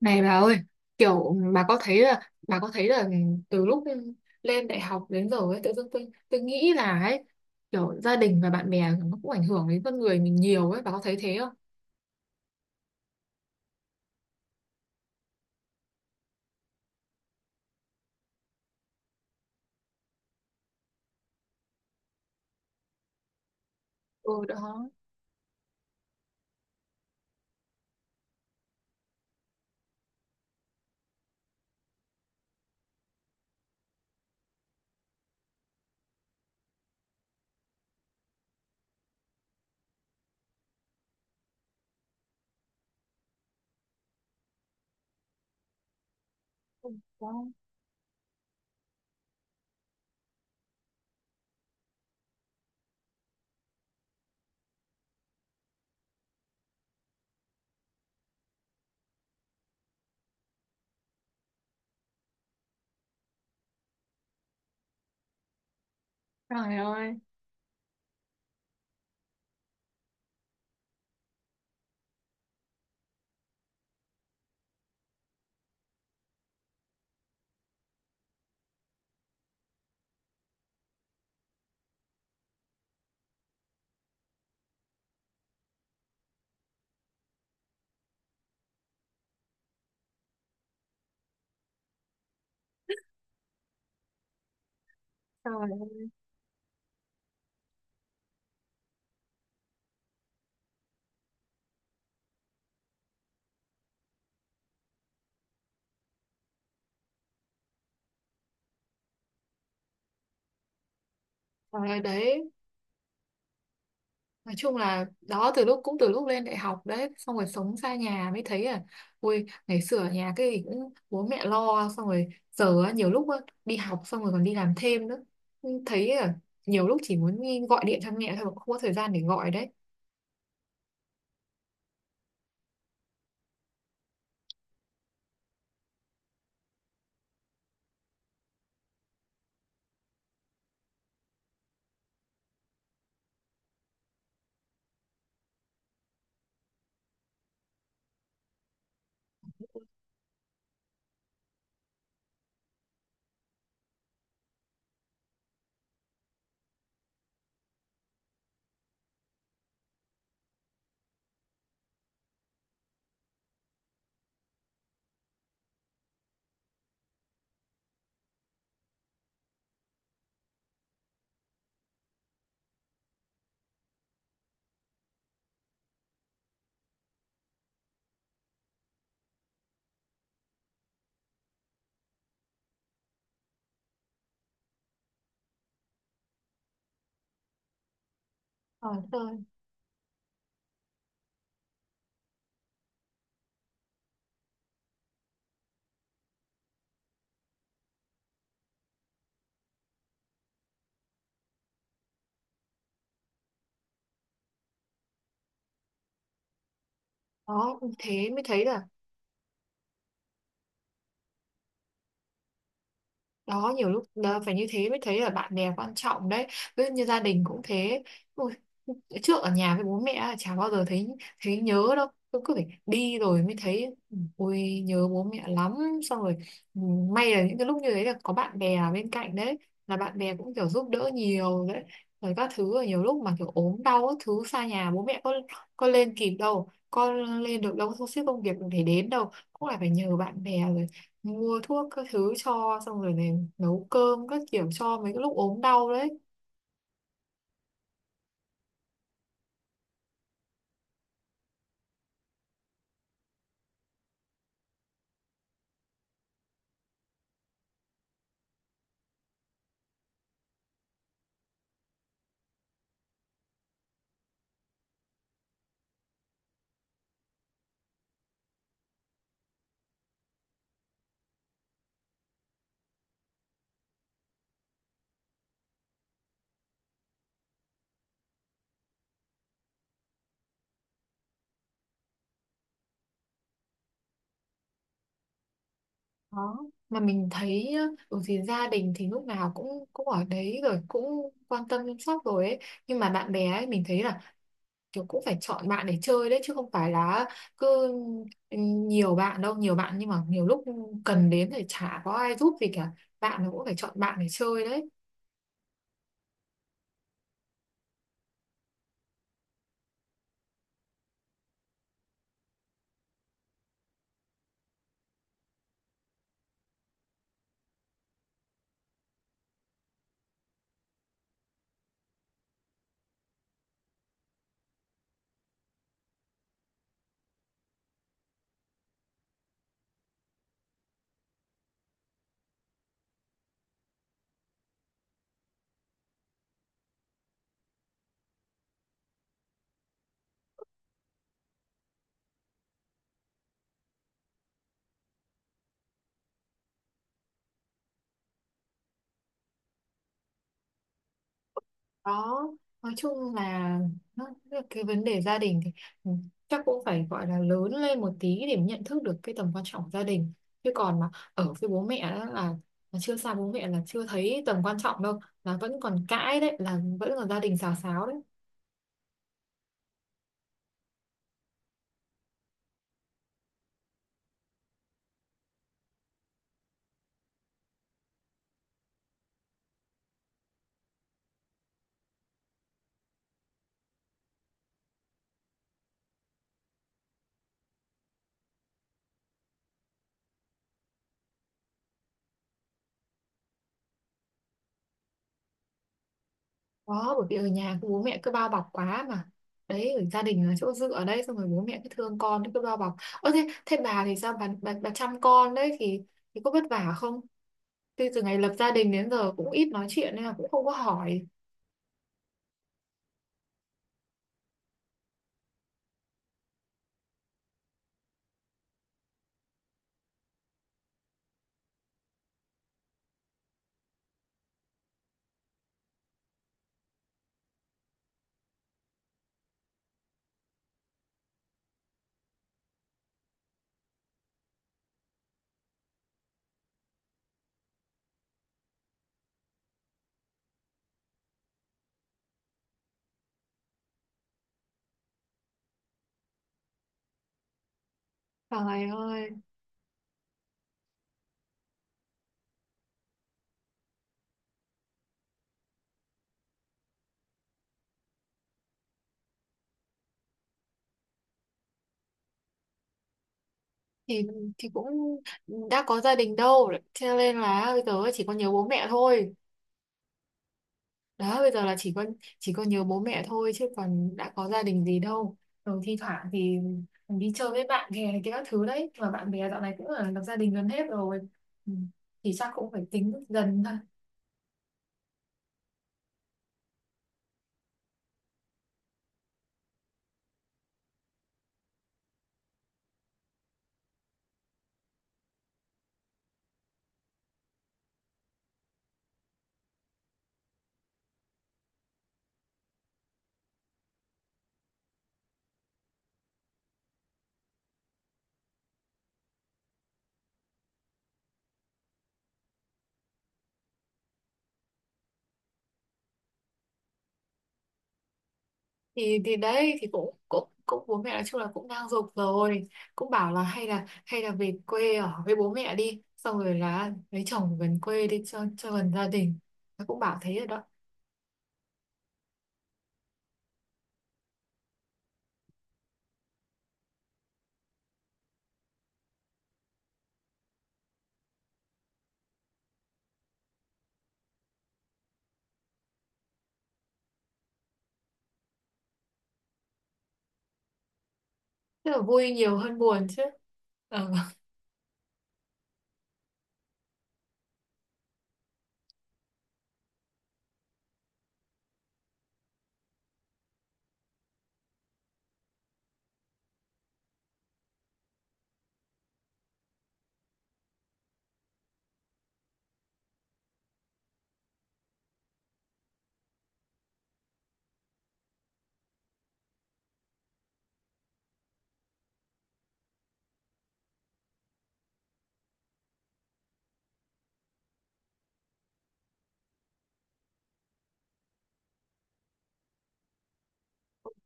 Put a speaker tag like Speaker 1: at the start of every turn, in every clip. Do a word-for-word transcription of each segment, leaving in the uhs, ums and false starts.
Speaker 1: Này bà ơi, kiểu bà có thấy là bà có thấy là từ lúc lên đại học đến giờ ấy, tự dưng tôi tôi nghĩ là ấy, kiểu gia đình và bạn bè nó cũng ảnh hưởng đến con người mình nhiều ấy, bà có thấy thế không? Ừ đó. Ừ, đó. Trời ơi, trời ơi, trời ơi đấy. Nói chung là đó, từ lúc cũng từ lúc lên đại học đấy, xong rồi sống xa nhà mới thấy à, ui, ngày xưa ở nhà cái gì cũng bố mẹ lo, xong rồi giờ á, nhiều lúc á, đi học xong rồi còn đi làm thêm nữa. Nhưng thấy à, nhiều lúc chỉ muốn đi gọi điện cho mẹ thôi mà không có thời gian để gọi đấy. Ờ, thôi. Đó thế mới thấy là đó, nhiều lúc đó, phải như thế mới thấy là bạn bè quan trọng đấy, ví dụ như gia đình cũng thế. Ôi, trước ở nhà với bố mẹ là chả bao giờ thấy, thấy nhớ đâu, cứ cứ phải đi rồi mới thấy ui nhớ bố mẹ lắm. Xong rồi, ừ, may là những cái lúc như thế là có bạn bè ở bên cạnh đấy, là bạn bè cũng kiểu giúp đỡ nhiều đấy, rồi các thứ. Rồi nhiều lúc mà kiểu ốm đau các thứ, xa nhà bố mẹ có có lên kịp đâu, có lên được đâu, có sắp xếp công việc để đến đâu, cũng lại phải nhờ bạn bè rồi mua thuốc các thứ cho, xong rồi này nấu cơm các kiểu cho mấy cái lúc ốm đau đấy. Đó, mà mình thấy nhá, ở thì gia đình thì lúc nào cũng cũng ở đấy rồi, cũng quan tâm chăm sóc rồi ấy, nhưng mà bạn bè ấy mình thấy là kiểu cũng phải chọn bạn để chơi đấy, chứ không phải là cứ, ừ, nhiều bạn đâu nhiều bạn, nhưng mà nhiều lúc cần đến thì chả có ai giúp gì cả. Bạn nó cũng phải chọn bạn để chơi đấy. Đó, nói chung là nó, cái vấn đề gia đình thì, ừ, chắc cũng phải gọi là lớn lên một tí để nhận thức được cái tầm quan trọng của gia đình. Chứ còn mà ở với bố mẹ đó là, là chưa xa bố mẹ là chưa thấy tầm quan trọng đâu, là vẫn còn cãi đấy, là vẫn còn gia đình xào xáo đấy. Đó, bởi vì ở nhà cứ bố mẹ cứ bao bọc quá mà. Đấy, ở gia đình là chỗ dựa ở đây, xong rồi bố mẹ cứ thương con cứ bao bọc. Ơ thế, thế bà thì sao bà, bà, bà chăm con đấy thì thì có vất vả không? Thế từ ngày lập gia đình đến giờ cũng ít nói chuyện nên là cũng không có hỏi. Trời ơi, thì thì cũng đã có gia đình đâu, cho nên là bây giờ chỉ có nhớ bố mẹ thôi. Đó, bây giờ là chỉ có, chỉ có nhớ bố mẹ thôi, chứ còn đã có gia đình gì đâu. Rồi thi thoảng thì mình đi chơi với bạn bè này kia các thứ đấy, mà bạn bè dạo này cũng là lập gia đình gần hết rồi. Ừ, thì chắc cũng phải tính dần thôi. thì thì đấy thì cũng cũng cũng bố mẹ nói chung là cũng đang giục rồi, cũng bảo là hay là hay là về quê ở với bố mẹ đi, xong rồi là lấy chồng gần quê đi cho cho gần gia đình. Nó cũng bảo thế rồi đó. Tức là vui nhiều hơn buồn chứ. Ờ,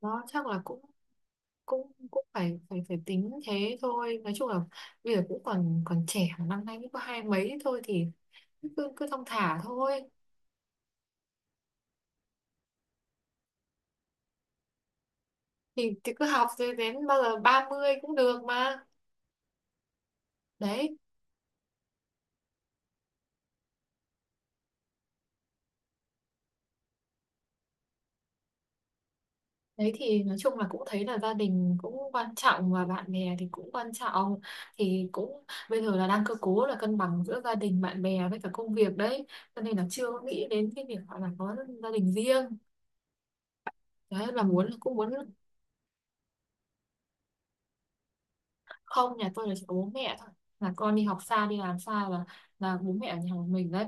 Speaker 1: nó chắc là cũng cũng cũng phải phải phải tính thế thôi. Nói chung là bây giờ cũng còn, còn trẻ mà, năm nay cũng có hai mấy thôi, thì cứ cứ thong thả thôi. thì thì cứ học rồi đến bao giờ ba mươi cũng được mà. Đấy, đấy thì nói chung là cũng thấy là gia đình cũng quan trọng và bạn bè thì cũng quan trọng, thì cũng bây giờ là đang cơ cố là cân bằng giữa gia đình bạn bè với cả công việc đấy, cho nên là chưa có nghĩ đến cái việc gọi là có gia đình riêng. Đấy là muốn cũng muốn. Không, nhà tôi là chỉ có bố mẹ thôi, là con đi học xa đi làm xa, là là bố mẹ ở nhà một mình đấy.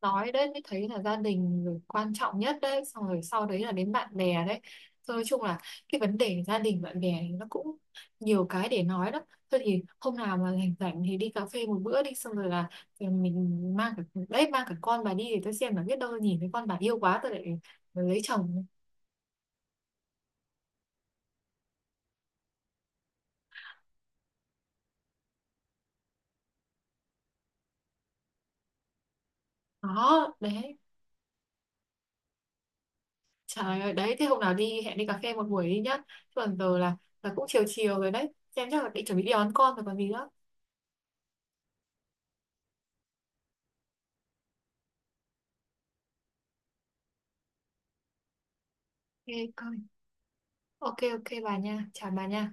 Speaker 1: Nói đấy mới thấy là gia đình rồi quan trọng nhất đấy, xong rồi sau đấy là đến bạn bè đấy. Rồi nói chung là cái vấn đề gia đình bạn bè thì nó cũng nhiều cái để nói đó. Thôi thì hôm nào mà rảnh rảnh thì đi cà phê một bữa đi, xong rồi là, ừ, mình mang cả, đấy, mang cả con bà đi thì tôi xem, là biết đâu nhìn thấy con bà yêu quá tôi lại lấy chồng. Đó đấy. Trời ơi đấy, thế hôm nào đi hẹn đi cà phê một buổi đi nhá. Chứ còn giờ là là cũng chiều chiều rồi đấy, xem chắc là định chuẩn bị đi đón con rồi còn gì nữa. OK coi. OK, OK bà nha, chào bà nha.